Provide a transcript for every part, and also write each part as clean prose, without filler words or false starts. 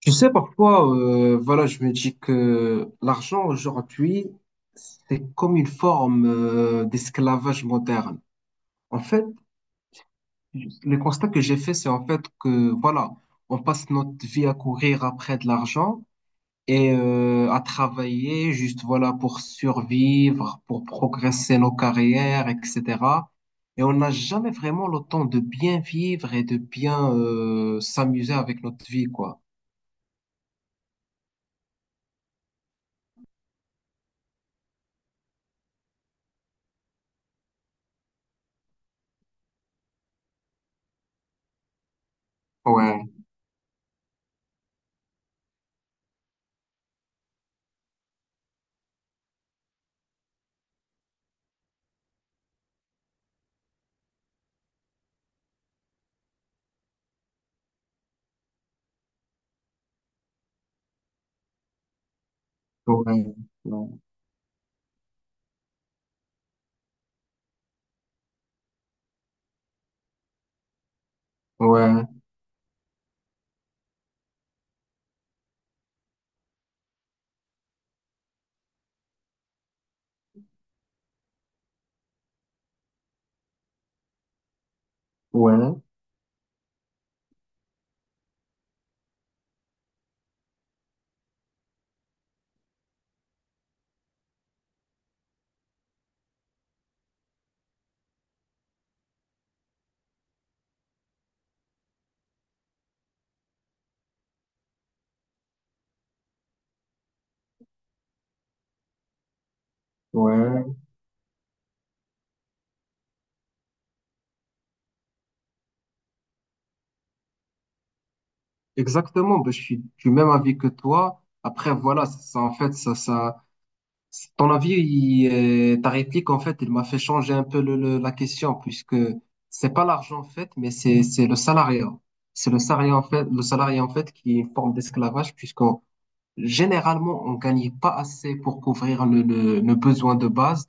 Tu sais, parfois, voilà, je me dis que l'argent aujourd'hui, c'est comme une forme d'esclavage moderne. En fait, le constat que j'ai fait, c'est en fait que, voilà, on passe notre vie à courir après de l'argent et à travailler juste, voilà, pour survivre, pour progresser nos carrières, etc. Et on n'a jamais vraiment le temps de bien vivre et de bien s'amuser avec notre vie, quoi. Ouais, ouais, ouais. Ouais, ouais, ouais. Exactement, ben, je suis du même avis que toi. Après, voilà, ça, en fait, ça, ton avis, ta réplique, en fait, il m'a fait changer un peu la question, puisque c'est pas l'argent, en fait, mais c'est le salariat. C'est le salarié, en fait, le salarié, en fait, qui est une forme d'esclavage, puisqu'on, généralement, on gagne pas assez pour couvrir le besoin de base.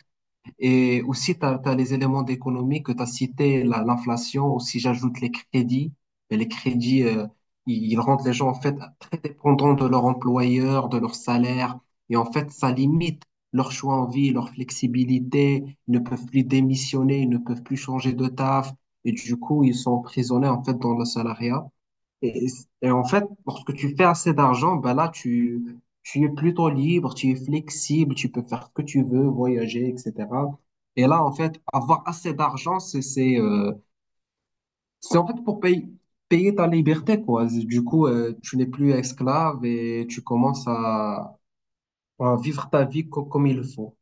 Et aussi, tu as, les éléments d'économie que tu as cités, l'inflation, aussi j'ajoute les crédits. Et les crédits, ils rendent les gens en fait très dépendants de leur employeur, de leur salaire. Et en fait, ça limite leur choix en vie, leur flexibilité. Ils ne peuvent plus démissionner, ils ne peuvent plus changer de taf. Et du coup, ils sont emprisonnés en fait dans le salariat. Et, et en fait, lorsque tu fais assez d'argent, ben là, tu es plutôt libre, tu es flexible, tu peux faire ce que tu veux, voyager, etc. Et là, en fait, avoir assez d'argent, c'est, c'est en fait pour payer, payer ta liberté, quoi. Du coup, tu n'es plus esclave et tu commences à vivre ta vie comme il faut.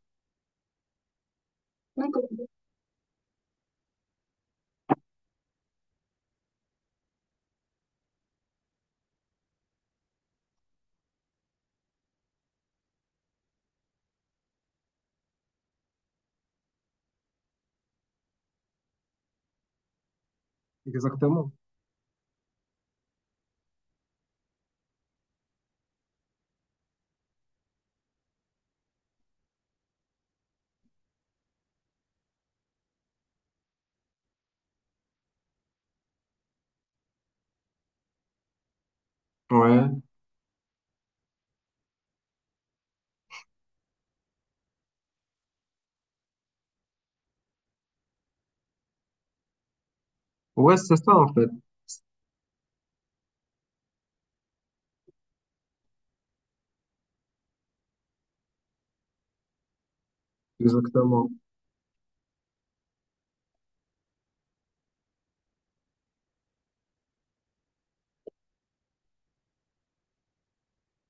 Exactement. Ouais. Ouais, c'est ça, en fait. Exactement.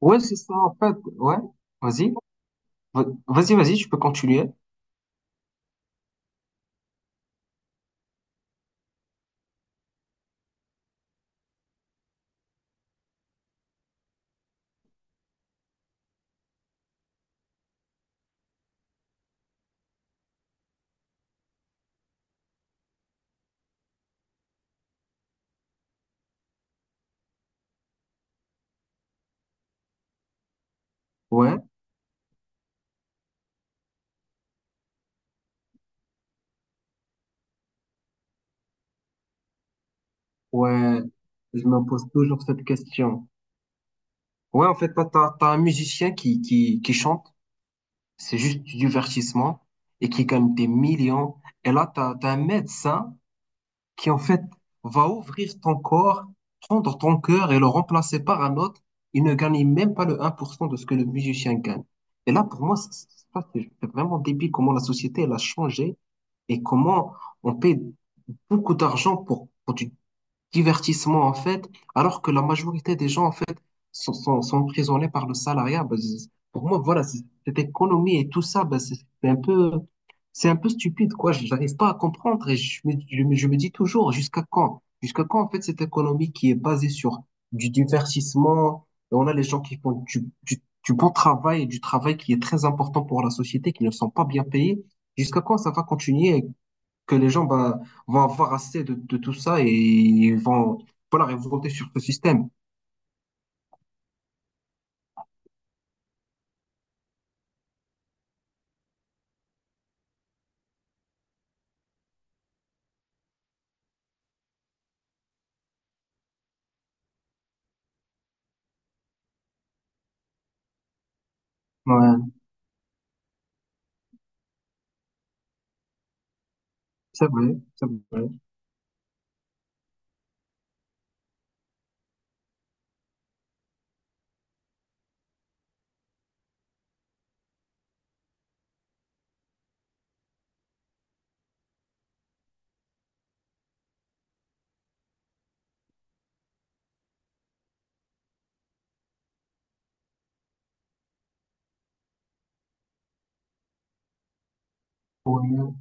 Ouais, c'est ça, en fait. Ouais. Vas-y. Vas-y, vas-y, tu peux continuer. Ouais, ouais, je me pose toujours cette question. Ouais, en fait, toi, t'as un musicien qui chante, c'est juste du divertissement, et qui gagne des millions. Et là, t'as un médecin qui, en fait, va ouvrir ton corps, prendre ton cœur et le remplacer par un autre. Il ne gagne même pas le un pour cent de ce que le musicien gagne. Et là, pour moi, c'est vraiment débile comment la société, elle a changé et comment on paie beaucoup d'argent pour du divertissement, en fait, alors que la majorité des gens, en fait, sont emprisonnés par le salariat. Ben, pour moi, voilà, cette économie et tout ça, ben, c'est un peu, c'est un peu stupide, quoi. Je n'arrive pas à comprendre et je me dis toujours, jusqu'à quand? Jusqu'à quand, en fait, cette économie qui est basée sur du divertissement, et on a les gens qui font du bon travail et du travail qui est très important pour la société, qui ne sont pas bien payés. Jusqu'à quand ça va continuer que les gens bah, vont avoir assez de tout ça et ils vont voilà, révolter sur ce système. Ouais, c'est vrai, c'est vrai. Ouais,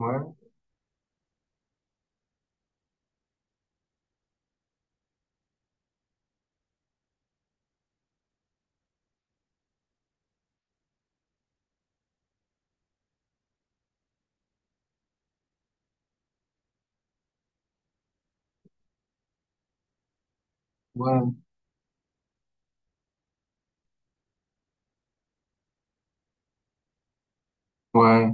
ouais, ouais, ouais.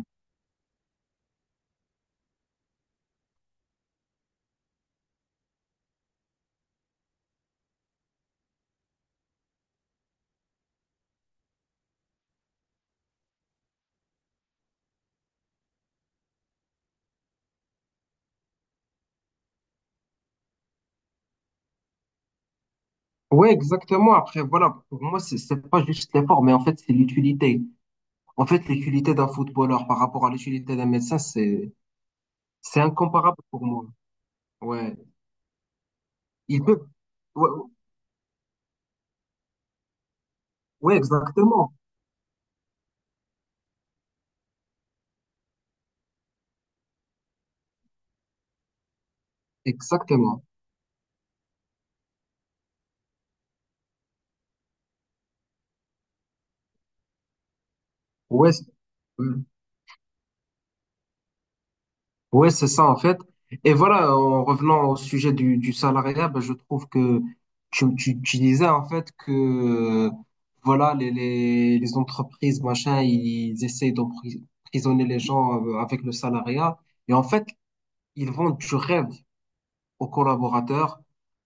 Ouais, exactement. Après, voilà, pour moi, c'est pas juste l'effort, mais en fait, c'est l'utilité. En fait, l'utilité d'un footballeur par rapport à l'utilité d'un médecin, c'est incomparable pour moi. Ouais. Ils peuvent. Ouais, ouais, exactement. Exactement. Ouais, ouais. Ouais, c'est ça, en fait. Et voilà, en revenant au sujet du salariat, ben, je trouve que tu disais, en fait, que, euh, voilà, les entreprises, machin, ils essayent d'emprisonner les gens avec le salariat. Et en fait, ils vendent du rêve aux collaborateurs,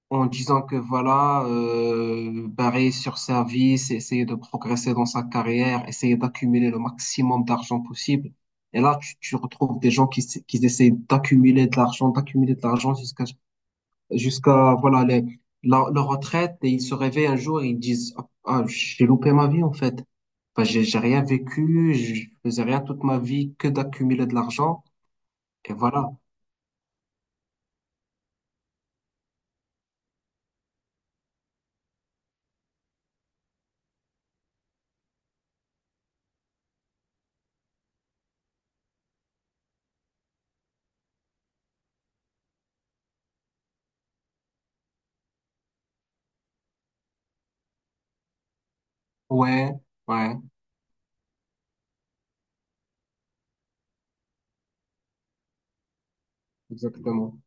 en disant que voilà, barrer sur service, essayer de progresser dans sa carrière, essayer d'accumuler le maximum d'argent possible. Et là, tu retrouves des gens qui essaient d'accumuler de l'argent jusqu'à voilà la, leur retraite et ils se réveillent un jour et ils disent ah, ah, j'ai loupé ma vie en fait. Enfin, j'ai rien vécu, je faisais rien toute ma vie que d'accumuler de l'argent et voilà. Ouais, ouais, exactement.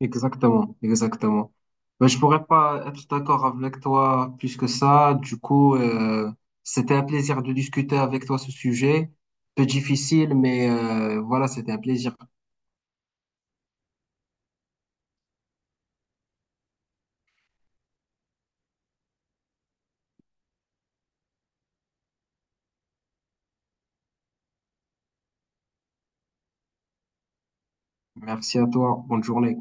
Exactement, exactement. Ben, je pourrais pas être d'accord avec toi plus que ça. Du coup, c'était un plaisir de discuter avec toi ce sujet. Peu difficile, mais voilà, c'était un plaisir. Merci à toi. Bonne journée.